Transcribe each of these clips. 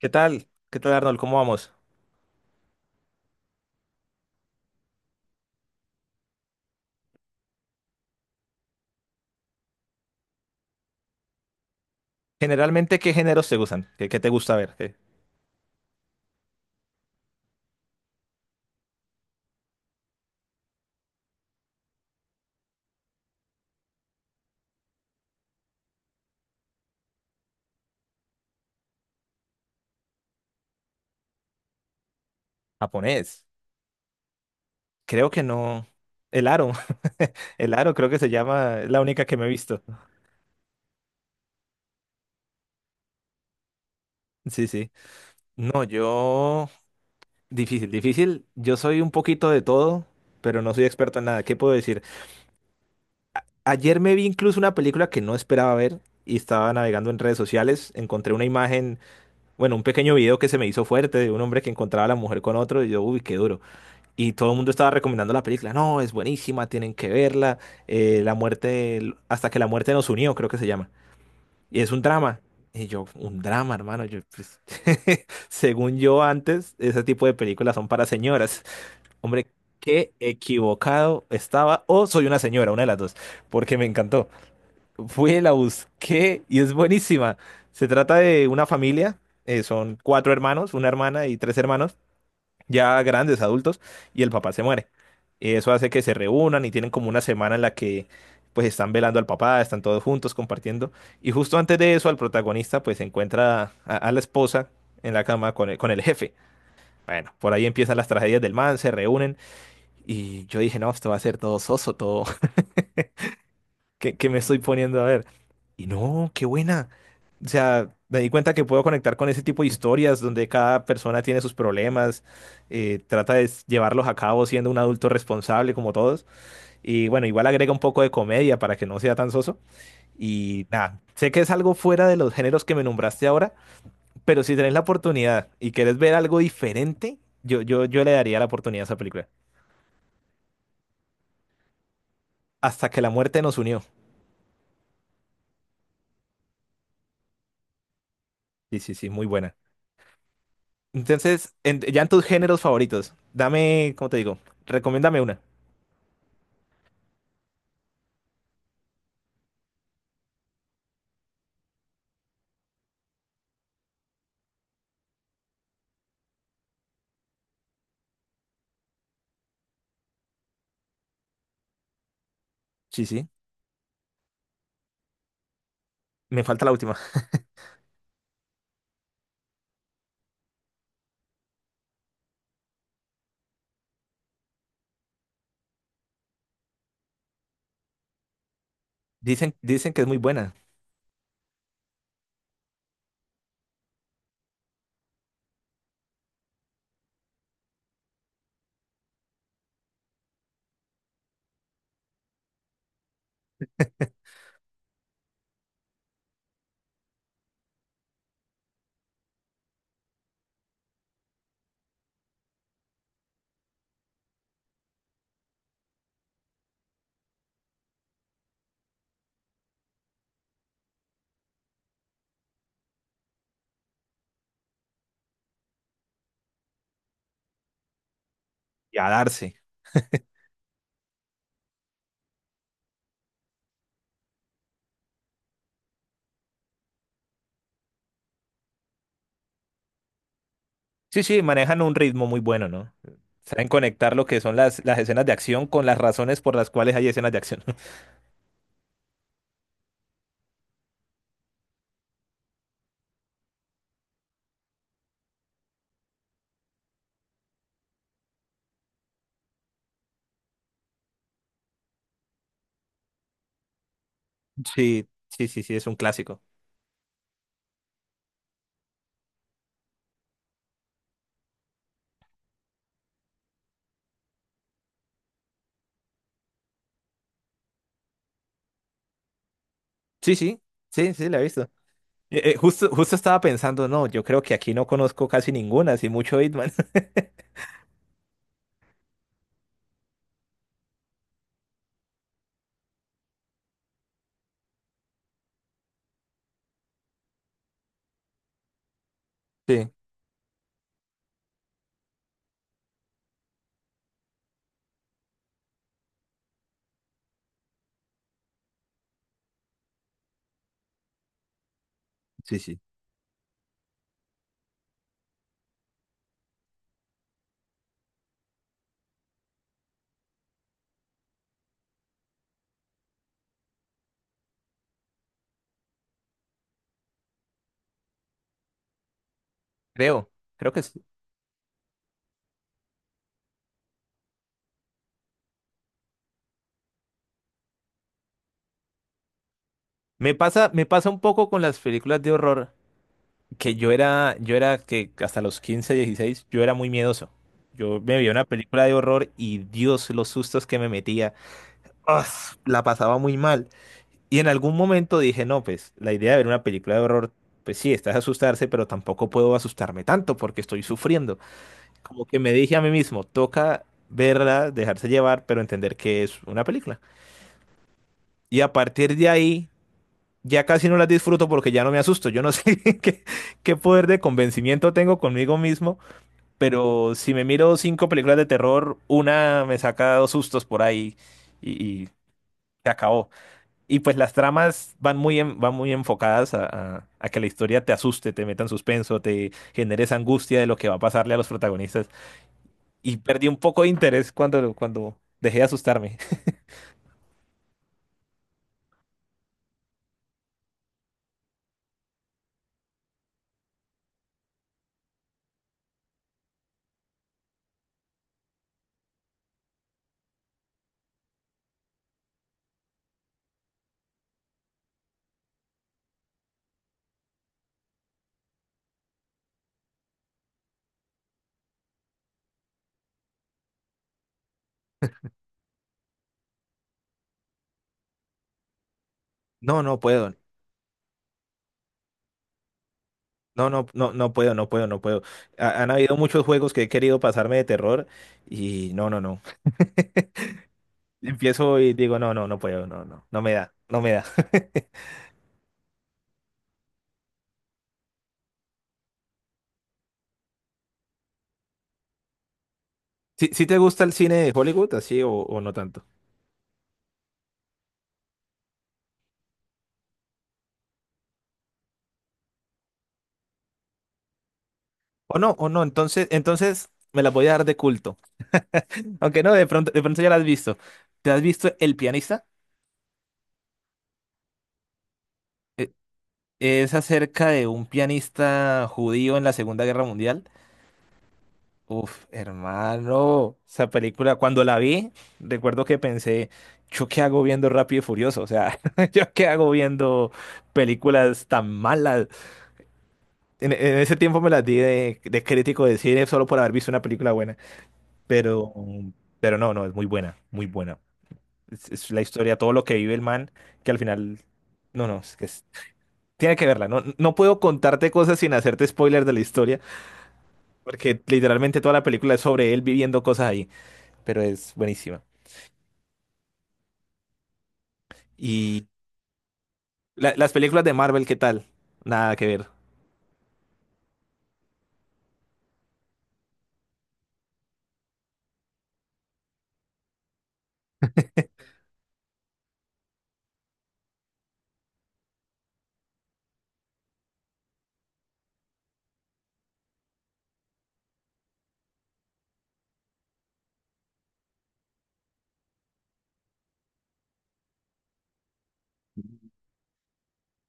¿Qué tal? ¿Qué tal, Arnold? ¿Cómo vamos? Generalmente, ¿qué géneros te gustan? ¿Qué te gusta ver? ¿Qué? ¿Japonés? Creo que no. El Aro. El Aro creo que se llama, es la única que me he visto. Sí, sí. No, yo... Difícil. Yo soy un poquito de todo, pero no soy experto en nada. ¿Qué puedo decir? Ayer me vi incluso una película que no esperaba ver y estaba navegando en redes sociales. Encontré una imagen, bueno, un pequeño video que se me hizo fuerte de un hombre que encontraba a la mujer con otro y yo, uy, qué duro. Y todo el mundo estaba recomendando la película. No, es buenísima, tienen que verla. La muerte, hasta que la muerte nos unió, creo que se llama. Y es un drama. Y yo, un drama, hermano. Yo, pues, según yo antes, ese tipo de películas son para señoras. Hombre, qué equivocado estaba. O soy una señora, una de las dos, porque me encantó. Fui, la busqué y es buenísima. Se trata de una familia. Son cuatro hermanos, una hermana y tres hermanos ya grandes, adultos, y el papá se muere. Eso hace que se reúnan y tienen como una semana en la que pues están velando al papá, están todos juntos compartiendo. Y justo antes de eso, al protagonista pues encuentra a la esposa en la cama con el jefe. Bueno, por ahí empiezan las tragedias del man, se reúnen y yo dije, no, esto va a ser todo soso, todo, que me estoy poniendo a ver. Y no, qué buena. O sea, me di cuenta que puedo conectar con ese tipo de historias donde cada persona tiene sus problemas, trata de llevarlos a cabo siendo un adulto responsable como todos. Y bueno, igual agrega un poco de comedia para que no sea tan soso. Y nada, sé que es algo fuera de los géneros que me nombraste ahora, pero si tenés la oportunidad y querés ver algo diferente, yo le daría la oportunidad a esa película. Hasta que la muerte nos unió. Sí, muy buena. Entonces, ya en tus géneros favoritos, dame, ¿cómo te digo? Recomiéndame una. Sí, sí. Me falta la última. Dicen que es muy buena. Y a darse. Sí, sí, manejan un ritmo muy bueno, ¿no? Saben conectar lo que son las escenas de acción con las razones por las cuales hay escenas de acción. Sí, sí, sí, es un clásico. Sí, sí, sí, sí, la he visto. Justo estaba pensando, no, yo creo que aquí no conozco casi ninguna, así mucho Hitman. Sí, sí, sí. Creo, creo que sí. Me pasa un poco con las películas de horror. Yo era que hasta los 15, 16, yo era muy miedoso. Yo me veía una película de horror y Dios, los sustos que me metía, ¡ah! La pasaba muy mal. Y en algún momento dije, no, pues la idea de ver una película de horror, pues sí, estás asustarse, pero tampoco puedo asustarme tanto porque estoy sufriendo. Como que me dije a mí mismo, toca verla, dejarse llevar, pero entender que es una película. Y a partir de ahí, ya casi no las disfruto porque ya no me asusto. Yo no sé qué poder de convencimiento tengo conmigo mismo. Pero si me miro cinco películas de terror, una me saca dos sustos por ahí y se acabó. Y pues las tramas van muy, van muy enfocadas a, a que la historia te asuste, te meta en suspenso, te genere esa angustia de lo que va a pasarle a los protagonistas. Y perdí un poco de interés cuando dejé de asustarme. No, no puedo. No, no, no, no puedo, no puedo, no puedo. Han habido muchos juegos que he querido pasarme de terror y no, no, no. Empiezo y digo, no, no, no puedo, no, no, no me da, no me da. ¿Sí, sí te gusta el cine de Hollywood, así o no tanto? O no, entonces me la voy a dar de culto. Aunque no, de pronto ya la has visto. ¿Te has visto El pianista? E- Es acerca de un pianista judío en la Segunda Guerra Mundial. Uf, hermano, esa película, cuando la vi, recuerdo que pensé, ¿yo qué hago viendo Rápido y Furioso? O sea, ¿yo qué hago viendo películas tan malas? En ese tiempo me las di de crítico de cine solo por haber visto una película buena. Pero, pero no, no, es muy buena, muy buena. Es la historia, todo lo que vive el man, que al final. No, no, es que tiene que verla. No, no puedo contarte cosas sin hacerte spoilers de la historia, porque literalmente toda la película es sobre él viviendo cosas ahí. Pero es buenísima. Y las películas de Marvel, ¿qué tal? Nada que ver.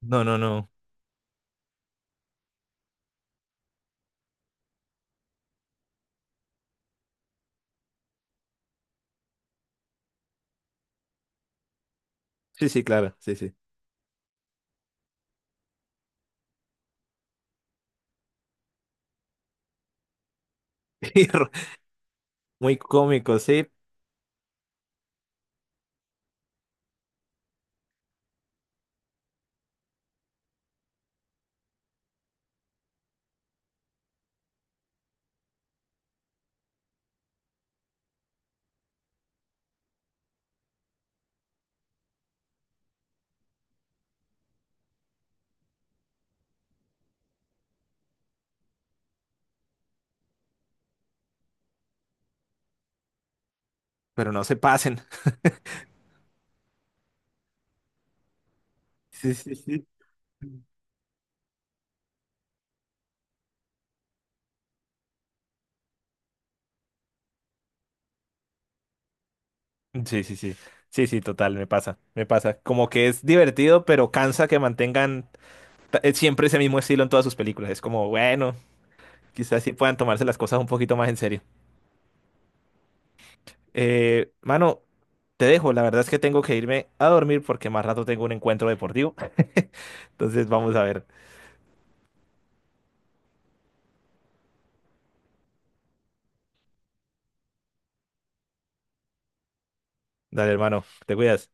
No, no, no. Sí, sí, claro, sí, sí. Muy cómico, sí, pero no se pasen. Sí, sí, sí. Sí, sí, sí. Sí, sí, total, me pasa, me pasa. Como que es divertido, pero cansa que mantengan siempre ese mismo estilo en todas sus películas. Es como, bueno, quizás sí puedan tomarse las cosas un poquito más en serio. Mano, te dejo. La verdad es que tengo que irme a dormir porque más rato tengo un encuentro deportivo. Entonces vamos a ver. Dale, hermano, te cuidas.